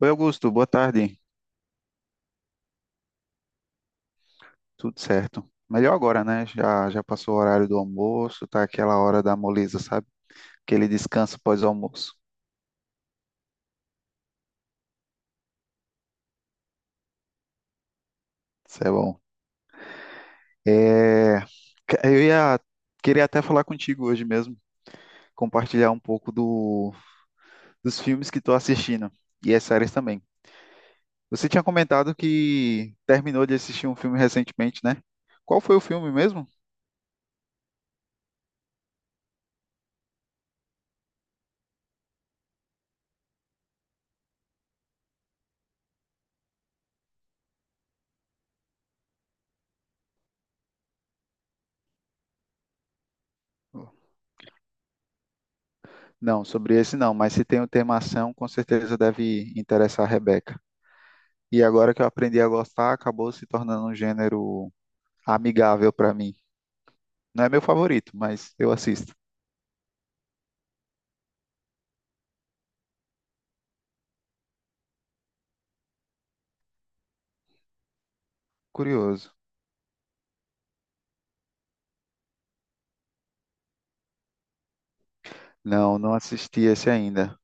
Oi, Augusto, boa tarde. Tudo certo? Melhor agora, né? Já passou o horário do almoço, tá aquela hora da moleza, sabe? Aquele descanso pós-almoço. Isso é bom. É, que- eu ia queria até falar contigo hoje mesmo, compartilhar um pouco dos filmes que estou assistindo e as séries também. Você tinha comentado que terminou de assistir um filme recentemente, né? Qual foi o filme mesmo? Não, sobre esse não, mas se tem o tema ação, com certeza deve interessar a Rebeca. E agora que eu aprendi a gostar, acabou se tornando um gênero amigável para mim. Não é meu favorito, mas eu assisto. Curioso. Não, não assisti esse ainda.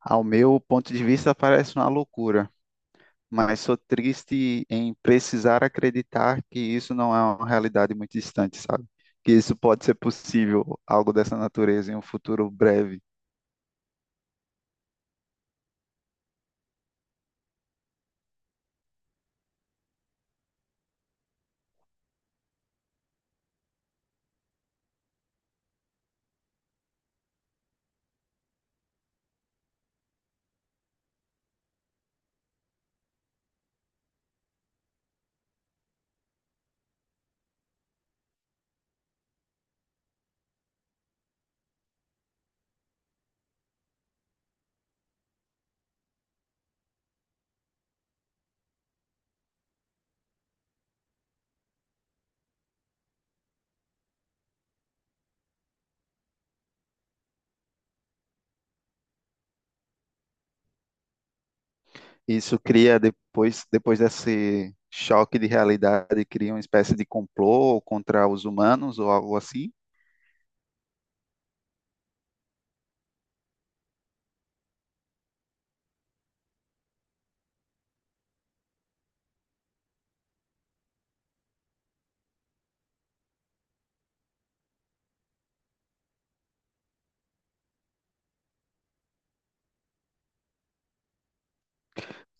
Ao meu ponto de vista, parece uma loucura, mas sou triste em precisar acreditar que isso não é uma realidade muito distante, sabe? Que isso pode ser possível, algo dessa natureza, em um futuro breve. Isso cria depois, depois desse choque de realidade, cria uma espécie de complô contra os humanos ou algo assim.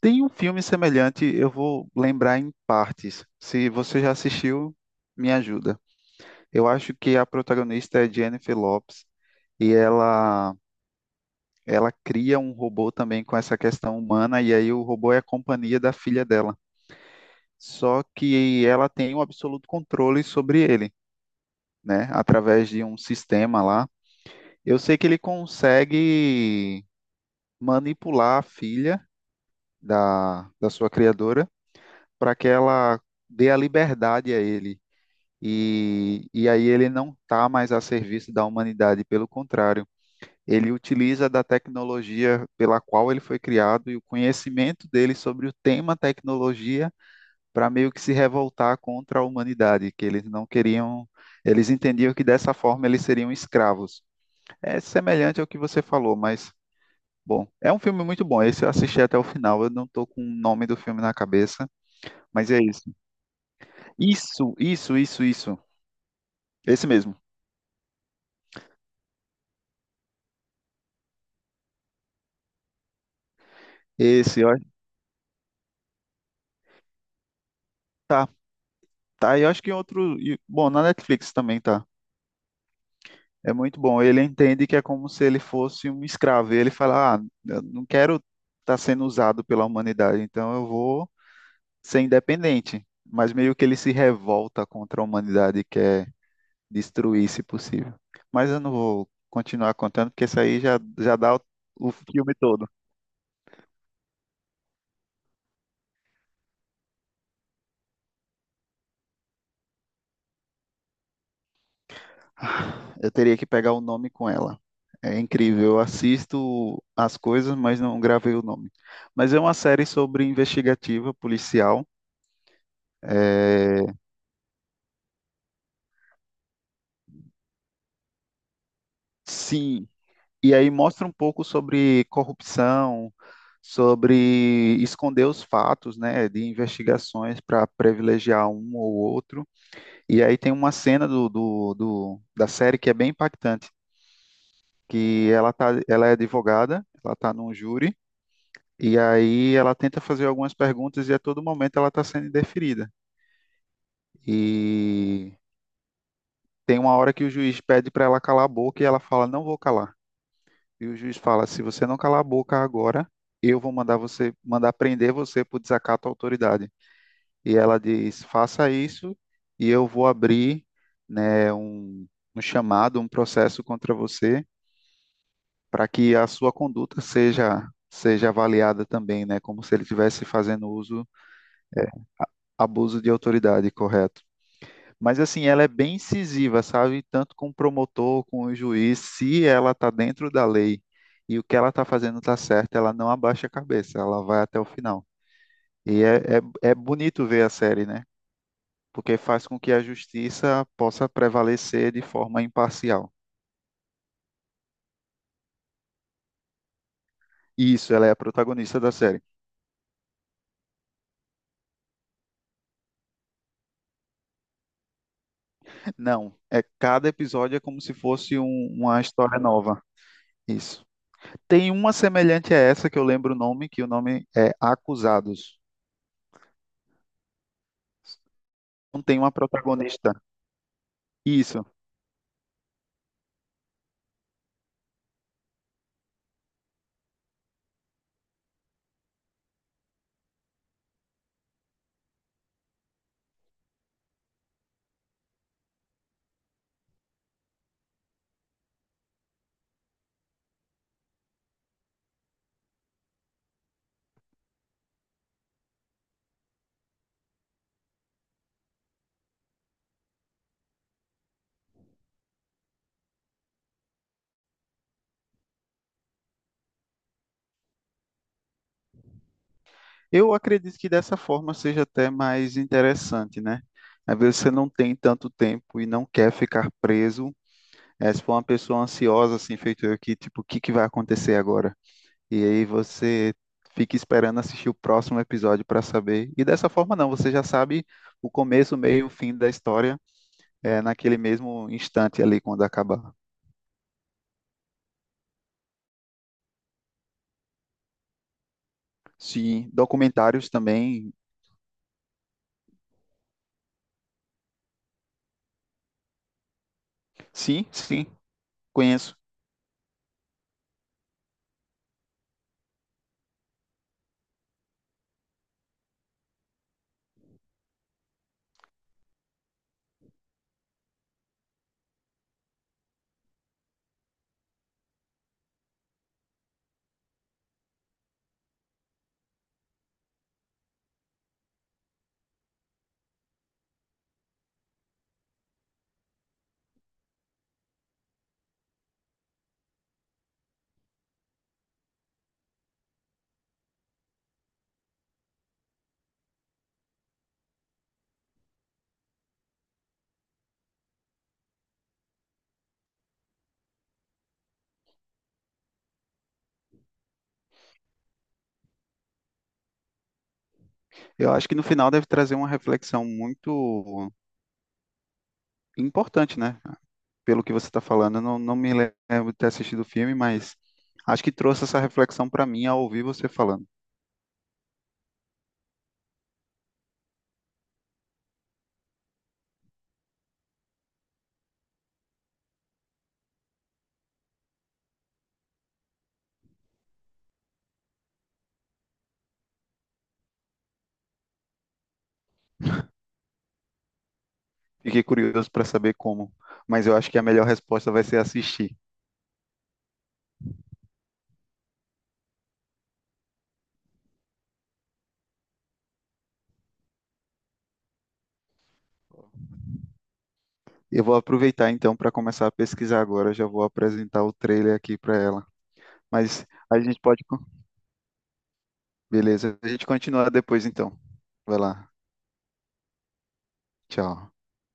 Tem um filme semelhante, eu vou lembrar em partes. Se você já assistiu, me ajuda. Eu acho que a protagonista é Jennifer Lopez e ela cria um robô também com essa questão humana, e aí o robô é a companhia da filha dela. Só que ela tem o absoluto controle sobre ele, né? Através de um sistema lá. Eu sei que ele consegue manipular a filha da sua criadora para que ela dê a liberdade a ele e aí ele não está mais a serviço da humanidade, pelo contrário, ele utiliza da tecnologia pela qual ele foi criado e o conhecimento dele sobre o tema tecnologia para meio que se revoltar contra a humanidade, que eles não queriam, eles entendiam que dessa forma eles seriam escravos. É semelhante ao que você falou, mas. Bom, é um filme muito bom. Esse eu assisti até o final. Eu não tô com o nome do filme na cabeça, mas é isso. Isso, isso, isso, isso. Esse mesmo. Esse, eu Tá, e eu acho que em outro. Bom, na Netflix também tá. É muito bom. Ele entende que é como se ele fosse um escravo. E ele fala: "Ah, eu não quero estar sendo usado pela humanidade, então eu vou ser independente." Mas meio que ele se revolta contra a humanidade e quer destruir, se possível. Mas eu não vou continuar contando, porque isso aí já dá o filme todo. Eu teria que pegar o nome com ela. É incrível, eu assisto as coisas, mas não gravei o nome. Mas é uma série sobre investigativa policial. É, sim, e aí mostra um pouco sobre corrupção, sobre esconder os fatos, né, de investigações para privilegiar um ou outro. E aí tem uma cena da série que é bem impactante, que ela tá, ela é advogada, ela está num júri. E aí ela tenta fazer algumas perguntas e a todo momento ela está sendo indeferida. E tem uma hora que o juiz pede para ela calar a boca e ela fala: "Não vou calar." E o juiz fala: "Se você não calar a boca agora, eu vou mandar você mandar prender você por desacato à autoridade." E ela diz: "Faça isso e eu vou abrir, né, um chamado, um processo contra você para que a sua conduta seja avaliada também, né, como se ele estivesse fazendo uso abuso de autoridade, correto?" Mas assim, ela é bem incisiva, sabe? Tanto com o promotor, com o juiz, se ela está dentro da lei e o que ela está fazendo está certo, ela não abaixa a cabeça, ela vai até o final. E é bonito ver a série, né? Porque faz com que a justiça possa prevalecer de forma imparcial. Isso, ela é a protagonista da série. Não, é cada episódio é como se fosse uma história nova. Isso. Tem uma semelhante a essa que eu lembro o nome, que o nome é Acusados. Não tem uma protagonista. Isso. Eu acredito que dessa forma seja até mais interessante, né? Às vezes você não tem tanto tempo e não quer ficar preso. É, se for uma pessoa ansiosa, assim, feito eu aqui, tipo, o que que vai acontecer agora? E aí você fica esperando assistir o próximo episódio para saber. E dessa forma não, você já sabe o começo, o meio, o fim da história, é, naquele mesmo instante ali quando acabar. Sim, documentários também. Sim, sim, conheço. Eu acho que no final deve trazer uma reflexão muito importante, né? Pelo que você está falando, eu não me lembro de ter assistido o filme, mas acho que trouxe essa reflexão para mim ao ouvir você falando. Fiquei curioso para saber como, mas eu acho que a melhor resposta vai ser assistir. Eu vou aproveitar então para começar a pesquisar agora, já vou apresentar o trailer aqui para ela. Mas a gente pode, co- beleza, a gente continua depois então. Vai lá, tchau.